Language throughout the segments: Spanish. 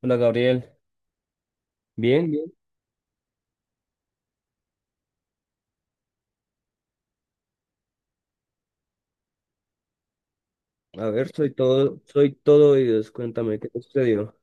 Hola Gabriel, bien, bien. A ver, soy todo oídos. Cuéntame, ¿qué te sucedió?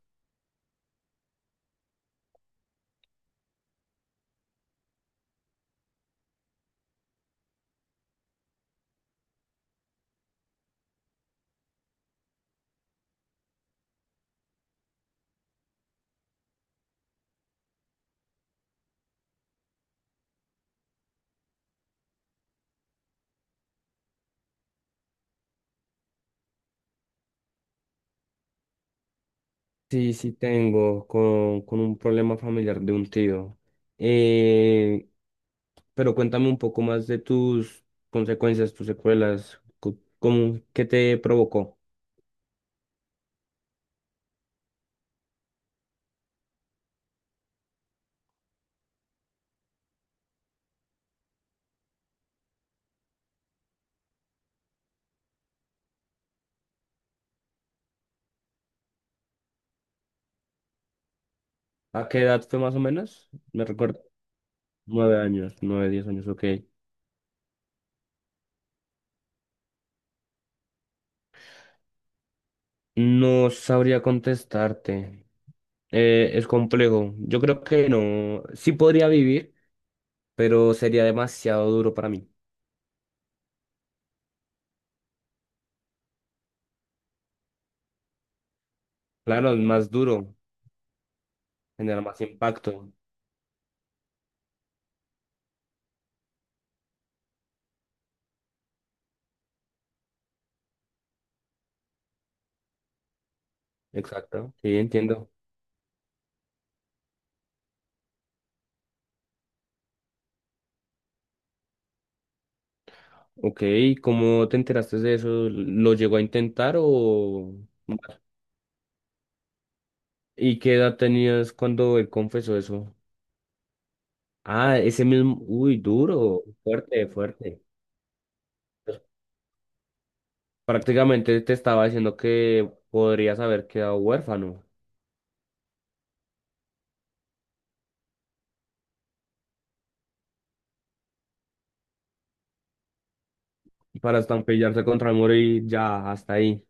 Sí, sí tengo con un problema familiar de un tío. Eh, pero cuéntame un poco más de tus consecuencias, tus secuelas, cómo, qué te provocó. ¿A qué edad fue más o menos? Me recuerdo. 9 años, nueve, 10 años, ok. No sabría contestarte. Es complejo. Yo creo que no. Sí podría vivir, pero sería demasiado duro para mí. Claro, es más duro, genera más impacto. Exacto. Sí, entiendo. Ok, ¿cómo te enteraste de eso? ¿Lo llegó a intentar o...? ¿Y qué edad tenías cuando él confesó eso? Ah, ese mismo... Uy, duro, fuerte, fuerte. Pues, prácticamente te estaba diciendo que podrías haber quedado huérfano para estampillarse contra el muro y ya, hasta ahí.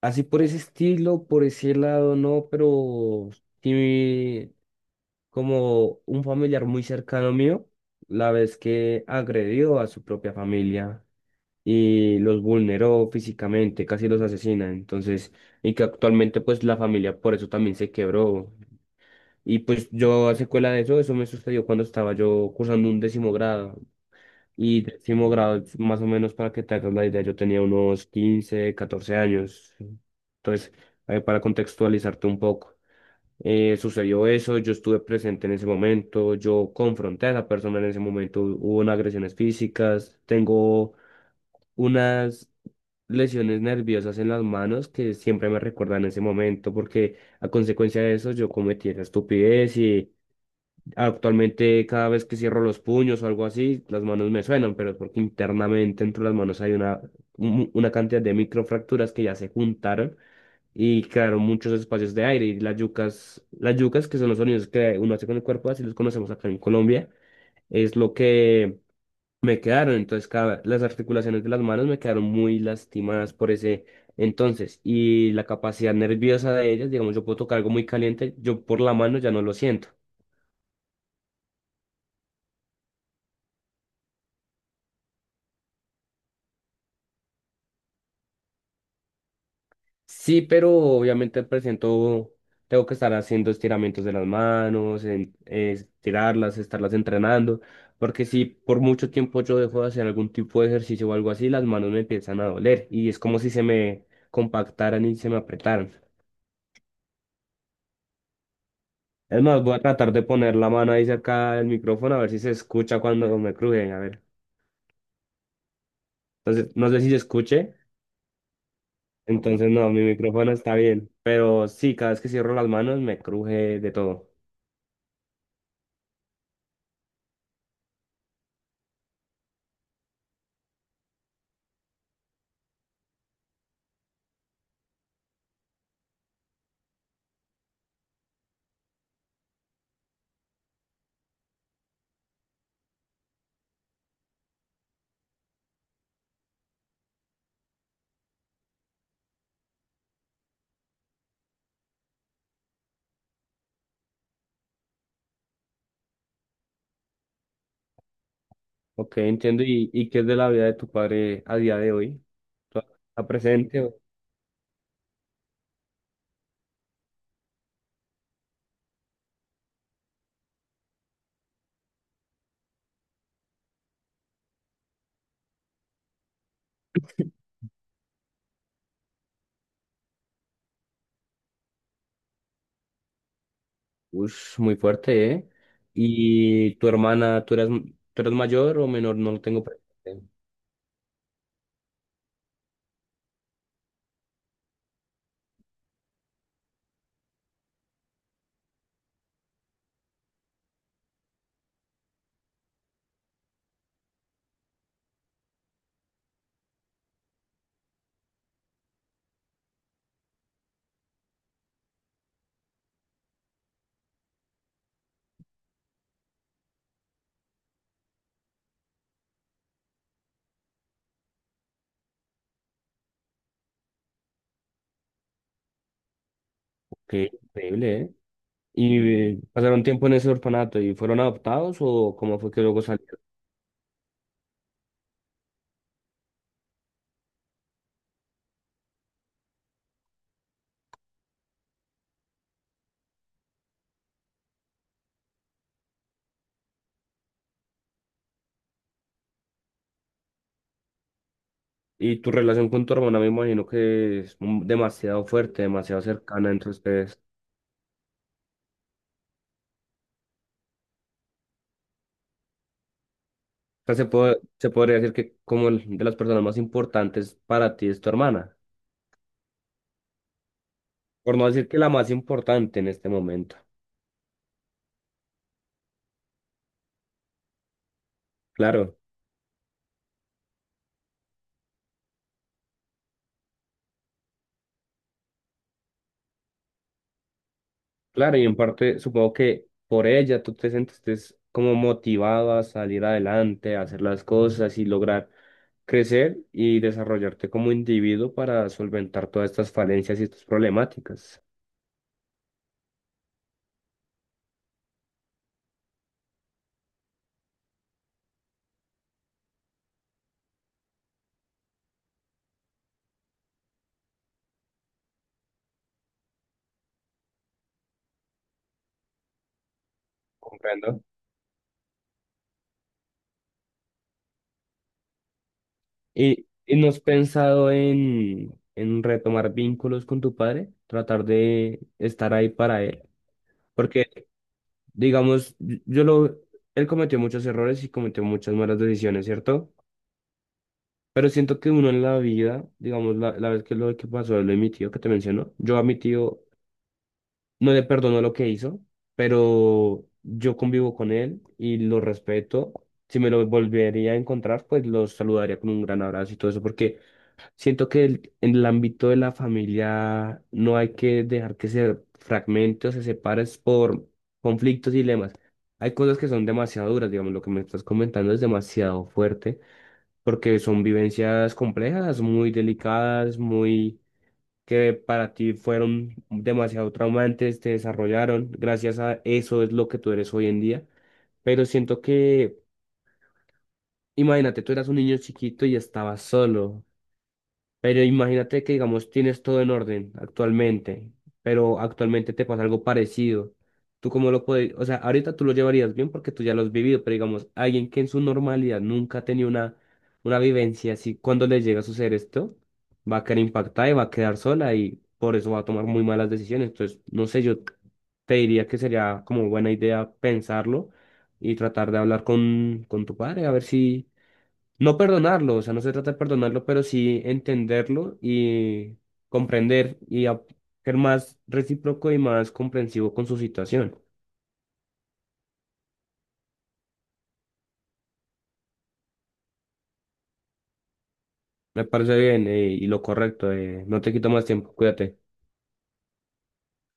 Así por ese estilo, por ese lado, no, pero... Sí, como un familiar muy cercano mío, la vez que agredió a su propia familia y los vulneró físicamente, casi los asesina, entonces, y que actualmente pues la familia por eso también se quebró. Y pues yo a secuela de eso, eso me sucedió cuando estaba yo cursando un décimo grado. Y décimo grado, más o menos para que te hagas la idea, yo tenía unos 15 14 años. Entonces, para contextualizarte un poco. Sucedió eso, yo estuve presente en ese momento, yo confronté a esa persona en ese momento, hubo unas agresiones físicas, tengo unas lesiones nerviosas en las manos que siempre me recuerdan ese momento porque a consecuencia de eso yo cometí esa estupidez y actualmente cada vez que cierro los puños o algo así, las manos me suenan, pero es porque internamente entre las manos hay una cantidad de microfracturas que ya se juntaron y crearon muchos espacios de aire. Y las yucas, que son los sonidos que uno hace con el cuerpo, así los conocemos acá en Colombia, es lo que me quedaron. Entonces, las articulaciones de las manos me quedaron muy lastimadas por ese entonces. Y la capacidad nerviosa de ellas, digamos, yo puedo tocar algo muy caliente, yo por la mano ya no lo siento. Sí, pero obviamente al presento tengo que estar haciendo estiramientos de las manos, estirarlas, estarlas entrenando, porque si por mucho tiempo yo dejo de hacer algún tipo de ejercicio o algo así, las manos me empiezan a doler y es como si se me compactaran y se me apretaran. Es más, voy a tratar de poner la mano ahí cerca del micrófono a ver si se escucha cuando me cruje, a ver. Entonces, no sé si se escuche, entonces no, mi micrófono está bien, pero sí, cada vez que cierro las manos me cruje de todo. Ok, entiendo. ¿Y qué es de la vida de tu padre a día de hoy? ¿Todavía está presente? Ush, muy fuerte, ¿eh? ¿Y tu hermana, tú eras mayor o menor? No lo tengo presente. Qué increíble, ¿eh? ¿Y pasaron tiempo en ese orfanato y fueron adoptados o cómo fue que luego salieron? Y tu relación con tu hermana me imagino que es demasiado fuerte, demasiado cercana entre ustedes. O sea, se podría decir que como de las personas más importantes para ti es tu hermana. Por no decir que la más importante en este momento. Claro, claro, y en parte supongo que por ella tú te sentiste como motivado a salir adelante, a hacer las cosas y lograr crecer y desarrollarte como individuo para solventar todas estas falencias y estas problemáticas. Comprendo. ¿Y no has pensado en, retomar vínculos con tu padre? Tratar de estar ahí para él. Porque Digamos, él cometió muchos errores y cometió muchas malas decisiones, ¿cierto? Pero siento que uno en la vida, digamos, la vez que lo que pasó, lo de mi tío que te mencionó, yo a mi tío no le perdono lo que hizo, pero yo convivo con él y lo respeto. Si me lo volvería a encontrar, pues lo saludaría con un gran abrazo y todo eso, porque siento que en el ámbito de la familia no hay que dejar que se fragmente o se separe por conflictos y dilemas. Hay cosas que son demasiado duras, digamos, lo que me estás comentando es demasiado fuerte, porque son vivencias complejas, muy delicadas, muy que para ti fueron demasiado traumantes, te desarrollaron. Gracias a eso es lo que tú eres hoy en día. Pero siento que, imagínate, tú eras un niño chiquito y estabas solo. Pero imagínate que, digamos, tienes todo en orden actualmente, pero actualmente te pasa algo parecido. ¿Tú cómo lo puedes? O sea, ahorita tú lo llevarías bien porque tú ya lo has vivido, pero digamos, alguien que en su normalidad nunca ha tenido una vivencia así, cuando le llega a suceder esto, va a quedar impactada y va a quedar sola y por eso va a tomar muy malas decisiones. Entonces, no sé, yo te diría que sería como buena idea pensarlo y tratar de hablar con tu padre, a ver si no perdonarlo, o sea, no se trata de perdonarlo, pero sí entenderlo y comprender y ser más recíproco y más comprensivo con su situación. Me parece bien, y lo correcto. No te quito más tiempo, cuídate.